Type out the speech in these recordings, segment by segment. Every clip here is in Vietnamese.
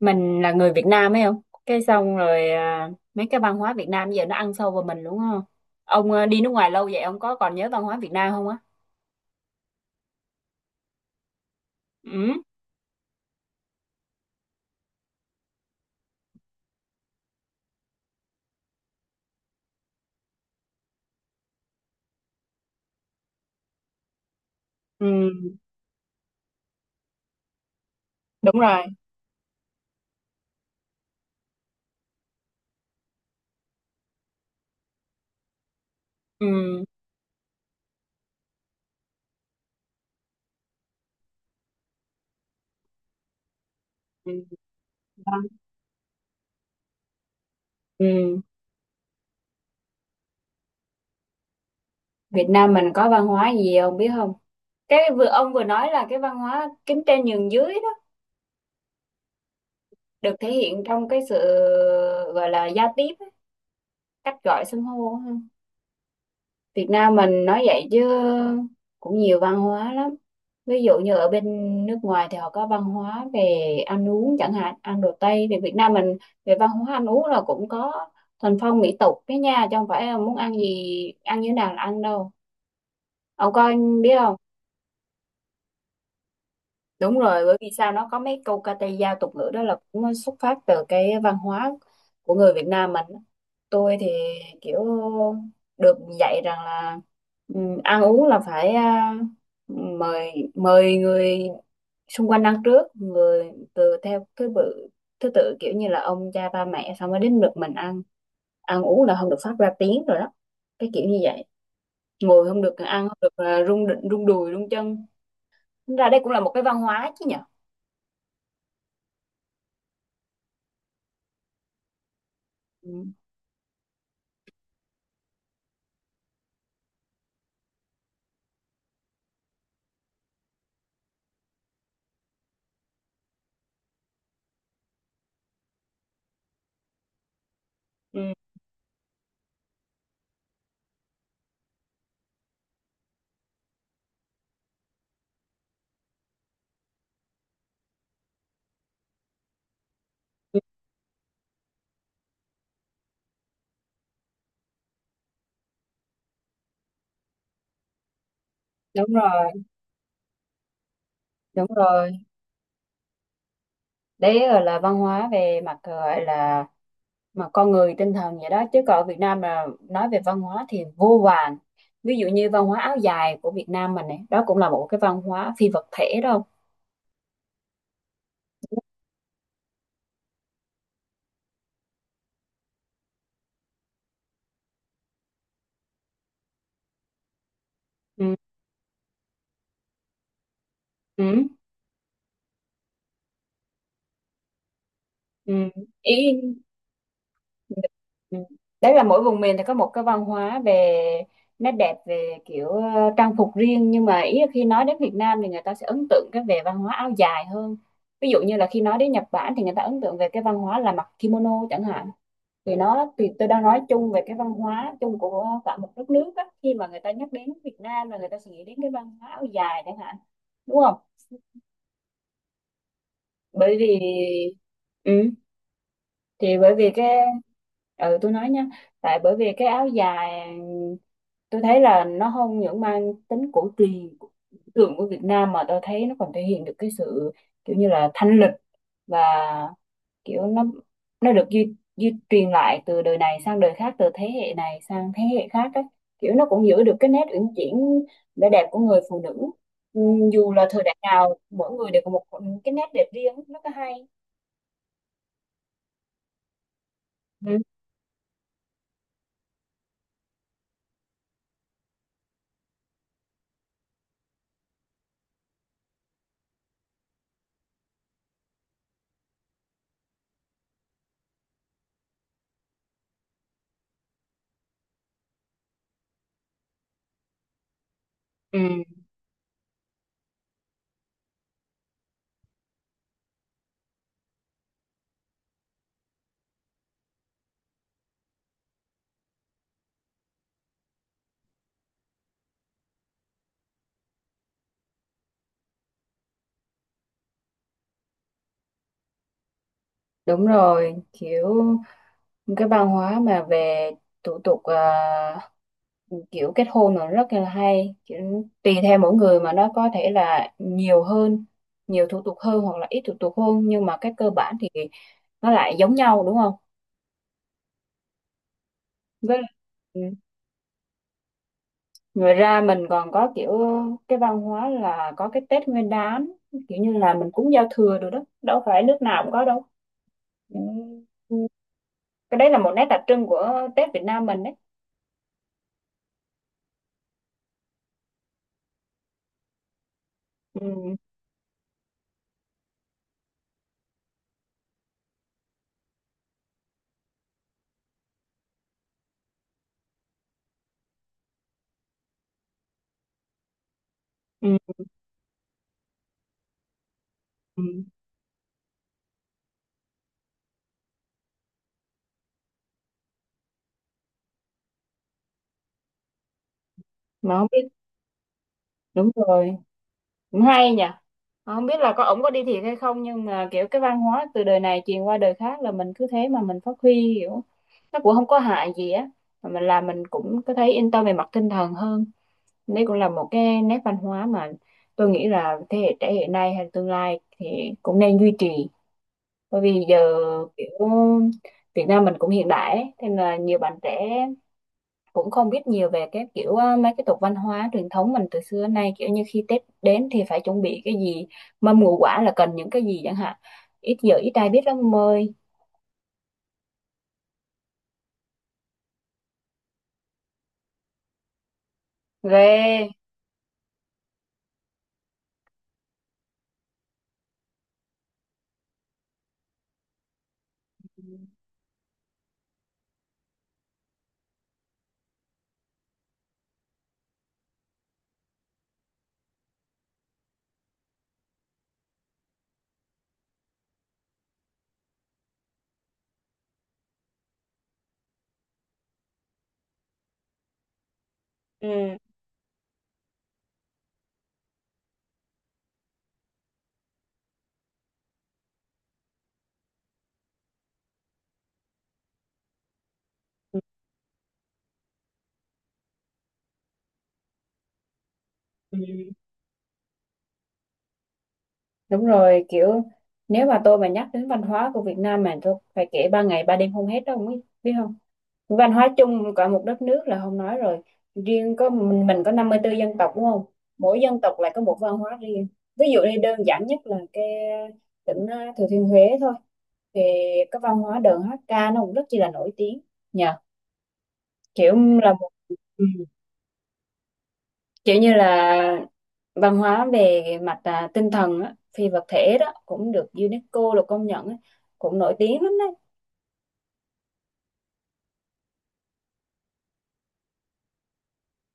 Mình là người Việt Nam ấy không cái xong rồi à, mấy cái văn hóa Việt Nam giờ nó ăn sâu vào mình đúng không? Ông à, đi nước ngoài lâu vậy ông có còn nhớ văn hóa Việt Nam không á? Ừ. Ừ. Đúng rồi. Ừ. Ừ. Ừ. Việt Nam mình có văn hóa gì ông biết không? Cái vừa ông vừa nói là cái văn hóa kính trên nhường dưới đó, được thể hiện trong cái sự gọi là giao tiếp á, cách gọi xưng hô á. Việt Nam mình nói vậy chứ cũng nhiều văn hóa lắm. Ví dụ như ở bên nước ngoài thì họ có văn hóa về ăn uống chẳng hạn, ăn đồ Tây, thì Việt Nam mình về văn hóa ăn uống là cũng có thuần phong mỹ tục cái nha, chứ không phải là muốn ăn gì ăn như thế nào là ăn đâu. Ông có biết không? Đúng rồi, bởi vì sao nó có mấy câu ca tây dao tục ngữ đó là cũng xuất phát từ cái văn hóa của người Việt Nam mình. Tôi thì kiểu được dạy rằng là ừ, ăn uống là phải mời mời người xung quanh ăn trước, người từ theo thứ tự, kiểu như là ông cha ba mẹ xong mới đến lượt mình ăn. Ăn uống là không được phát ra tiếng rồi đó, cái kiểu như vậy. Ngồi không được, ăn không được rung rung đùi rung chân. Tính ra đây cũng là một cái văn hóa chứ nhở. Ừ. Ừ. Đúng rồi, đúng rồi. Đấy là văn hóa về mặt gọi là mà con người tinh thần vậy đó, chứ còn ở Việt Nam mà nói về văn hóa thì vô vàn. Ví dụ như văn hóa áo dài của Việt Nam mình này đó cũng là một cái văn hóa phi vật thể đâu. Ừ, ừ, ừ. Ý. Ừ. Đấy là mỗi vùng miền thì có một cái văn hóa về nét đẹp về kiểu trang phục riêng, nhưng mà ý là khi nói đến Việt Nam thì người ta sẽ ấn tượng cái về văn hóa áo dài hơn. Ví dụ như là khi nói đến Nhật Bản thì người ta ấn tượng về cái văn hóa là mặc kimono chẳng hạn. Thì nó, thì tôi đang nói chung về cái văn hóa chung của cả một đất nước á, khi mà người ta nhắc đến Việt Nam là người ta sẽ nghĩ đến cái văn hóa áo dài chẳng hạn, đúng không? Bởi vì ừ, thì bởi vì cái, ừ tôi nói nha, tại bởi vì cái áo dài tôi thấy là nó không những mang tính cổ truyền tượng của Việt Nam mà tôi thấy nó còn thể hiện được cái sự kiểu như là thanh lịch, và kiểu nó được duy truyền lại từ đời này sang đời khác, từ thế hệ này sang thế hệ khác á, kiểu nó cũng giữ được cái nét uyển chuyển, vẻ đẹp của người phụ nữ. Ừ, dù là thời đại nào mỗi người đều có một cái nét đẹp riêng, rất là hay. Ừ. Ừ. Đúng rồi, kiểu cái văn hóa mà về thủ tục kiểu kết hôn nó rất là hay, kiểu, tùy theo mỗi người mà nó có thể là nhiều hơn, nhiều thủ tục hơn hoặc là ít thủ tục hơn, nhưng mà cái cơ bản thì nó lại giống nhau đúng không? Với ừ. Ngoài ra mình còn có kiểu cái văn hóa là có cái Tết Nguyên Đán, kiểu như là mình cúng giao thừa rồi đó, đâu phải nước nào cũng có đâu. Ừ. Cái đấy là một nét đặc trưng của Tết Việt Nam mình đấy. Ừ. Ừ. Ừ. Mà không biết. Đúng rồi, cũng hay nhỉ. Mà không biết là có ổng có đi thiệt hay không, nhưng mà kiểu cái văn hóa từ đời này truyền qua đời khác là mình cứ thế mà mình phát huy, kiểu nó cũng không có hại gì á, mà mình làm mình cũng có thấy yên tâm về mặt tinh thần hơn. Đấy cũng là một cái nét văn hóa mà tôi nghĩ là thế hệ trẻ hiện nay hay tương lai thì cũng nên duy trì. Bởi vì giờ kiểu Việt Nam mình cũng hiện đại ấy, thế nên là nhiều bạn trẻ cũng không biết nhiều về cái kiểu mấy cái tục văn hóa truyền thống mình từ xưa đến nay, kiểu như khi Tết đến thì phải chuẩn bị cái gì, mâm ngũ quả là cần những cái gì chẳng hạn, ít giờ ít ai biết lắm ông ơi. Ghê. Ừ. Ừ. Đúng rồi, kiểu nếu mà tôi mà nhắc đến văn hóa của Việt Nam mà tôi phải kể ba ngày ba đêm không hết đâu, không biết biết không? Văn hóa chung cả một đất nước là không nói rồi. Riêng có mình có 54 dân tộc đúng không? Mỗi dân tộc lại có một văn hóa riêng. Ví dụ như đơn giản nhất là cái tỉnh Thừa Thiên Huế thôi. Thì cái văn hóa đờn hát ca nó cũng rất chi là nổi tiếng. Nhờ, kiểu là một kiểu như là văn hóa về mặt tinh thần á, phi vật thể đó cũng được UNESCO là công nhận á, cũng nổi tiếng lắm đấy.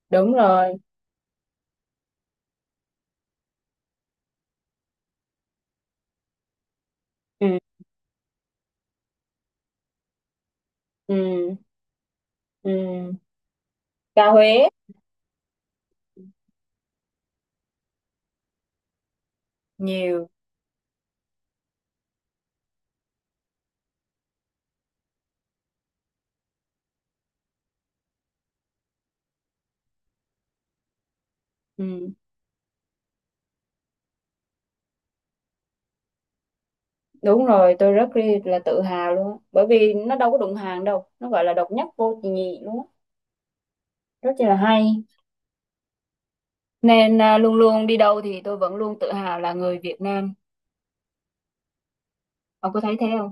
Đúng rồi. Ừ, ừ, ừ. Ca Huế. Nhiều. Ừ. Đúng rồi, tôi rất là tự hào luôn á. Bởi vì nó đâu có đụng hàng đâu, nó gọi là độc nhất vô nhị luôn á, rất là hay. Nên luôn luôn đi đâu thì tôi vẫn luôn tự hào là người Việt Nam. Ông có thấy thế không?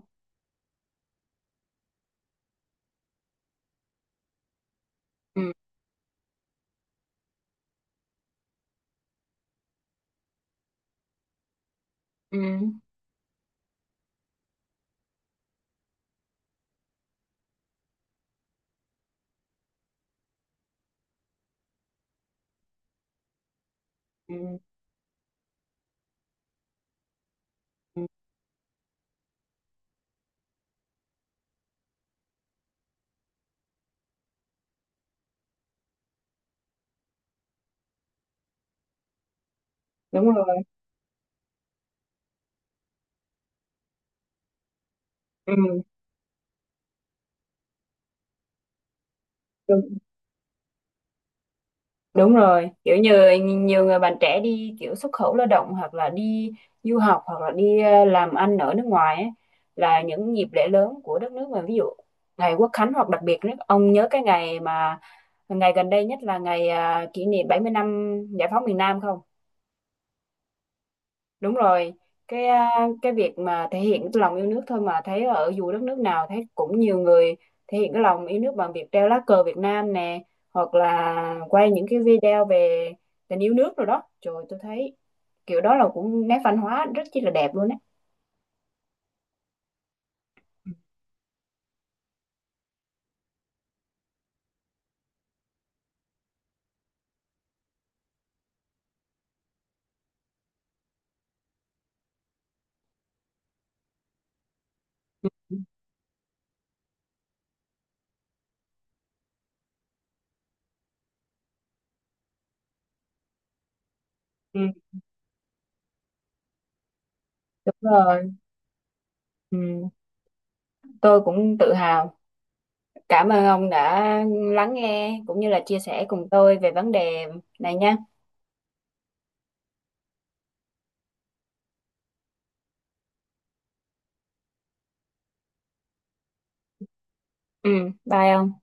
Ừ, ừ, ừ, ừ. Đúng rồi. Ừ. Đúng rồi, kiểu như nhiều người bạn trẻ đi kiểu xuất khẩu lao động hoặc là đi du học hoặc là đi làm ăn ở nước ngoài ấy, là những dịp lễ lớn của đất nước mình, ví dụ ngày Quốc Khánh, hoặc đặc biệt nhất ông nhớ cái ngày mà ngày gần đây nhất là ngày kỷ niệm 70 năm giải phóng miền Nam không? Đúng rồi, cái à, cái việc mà thể hiện cái lòng yêu nước thôi mà thấy ở dù đất nước nào thấy cũng nhiều người thể hiện cái lòng yêu nước bằng việc treo lá cờ Việt Nam nè, hoặc là quay những cái video về tình yêu nước rồi đó. Trời tôi thấy kiểu đó là cũng nét văn hóa rất chi là đẹp luôn á. Ừ. Ừ. Đúng rồi, ừ. Tôi cũng tự hào. Cảm ơn ông đã lắng nghe cũng như là chia sẻ cùng tôi về vấn đề này nha. Ừ, bye ông.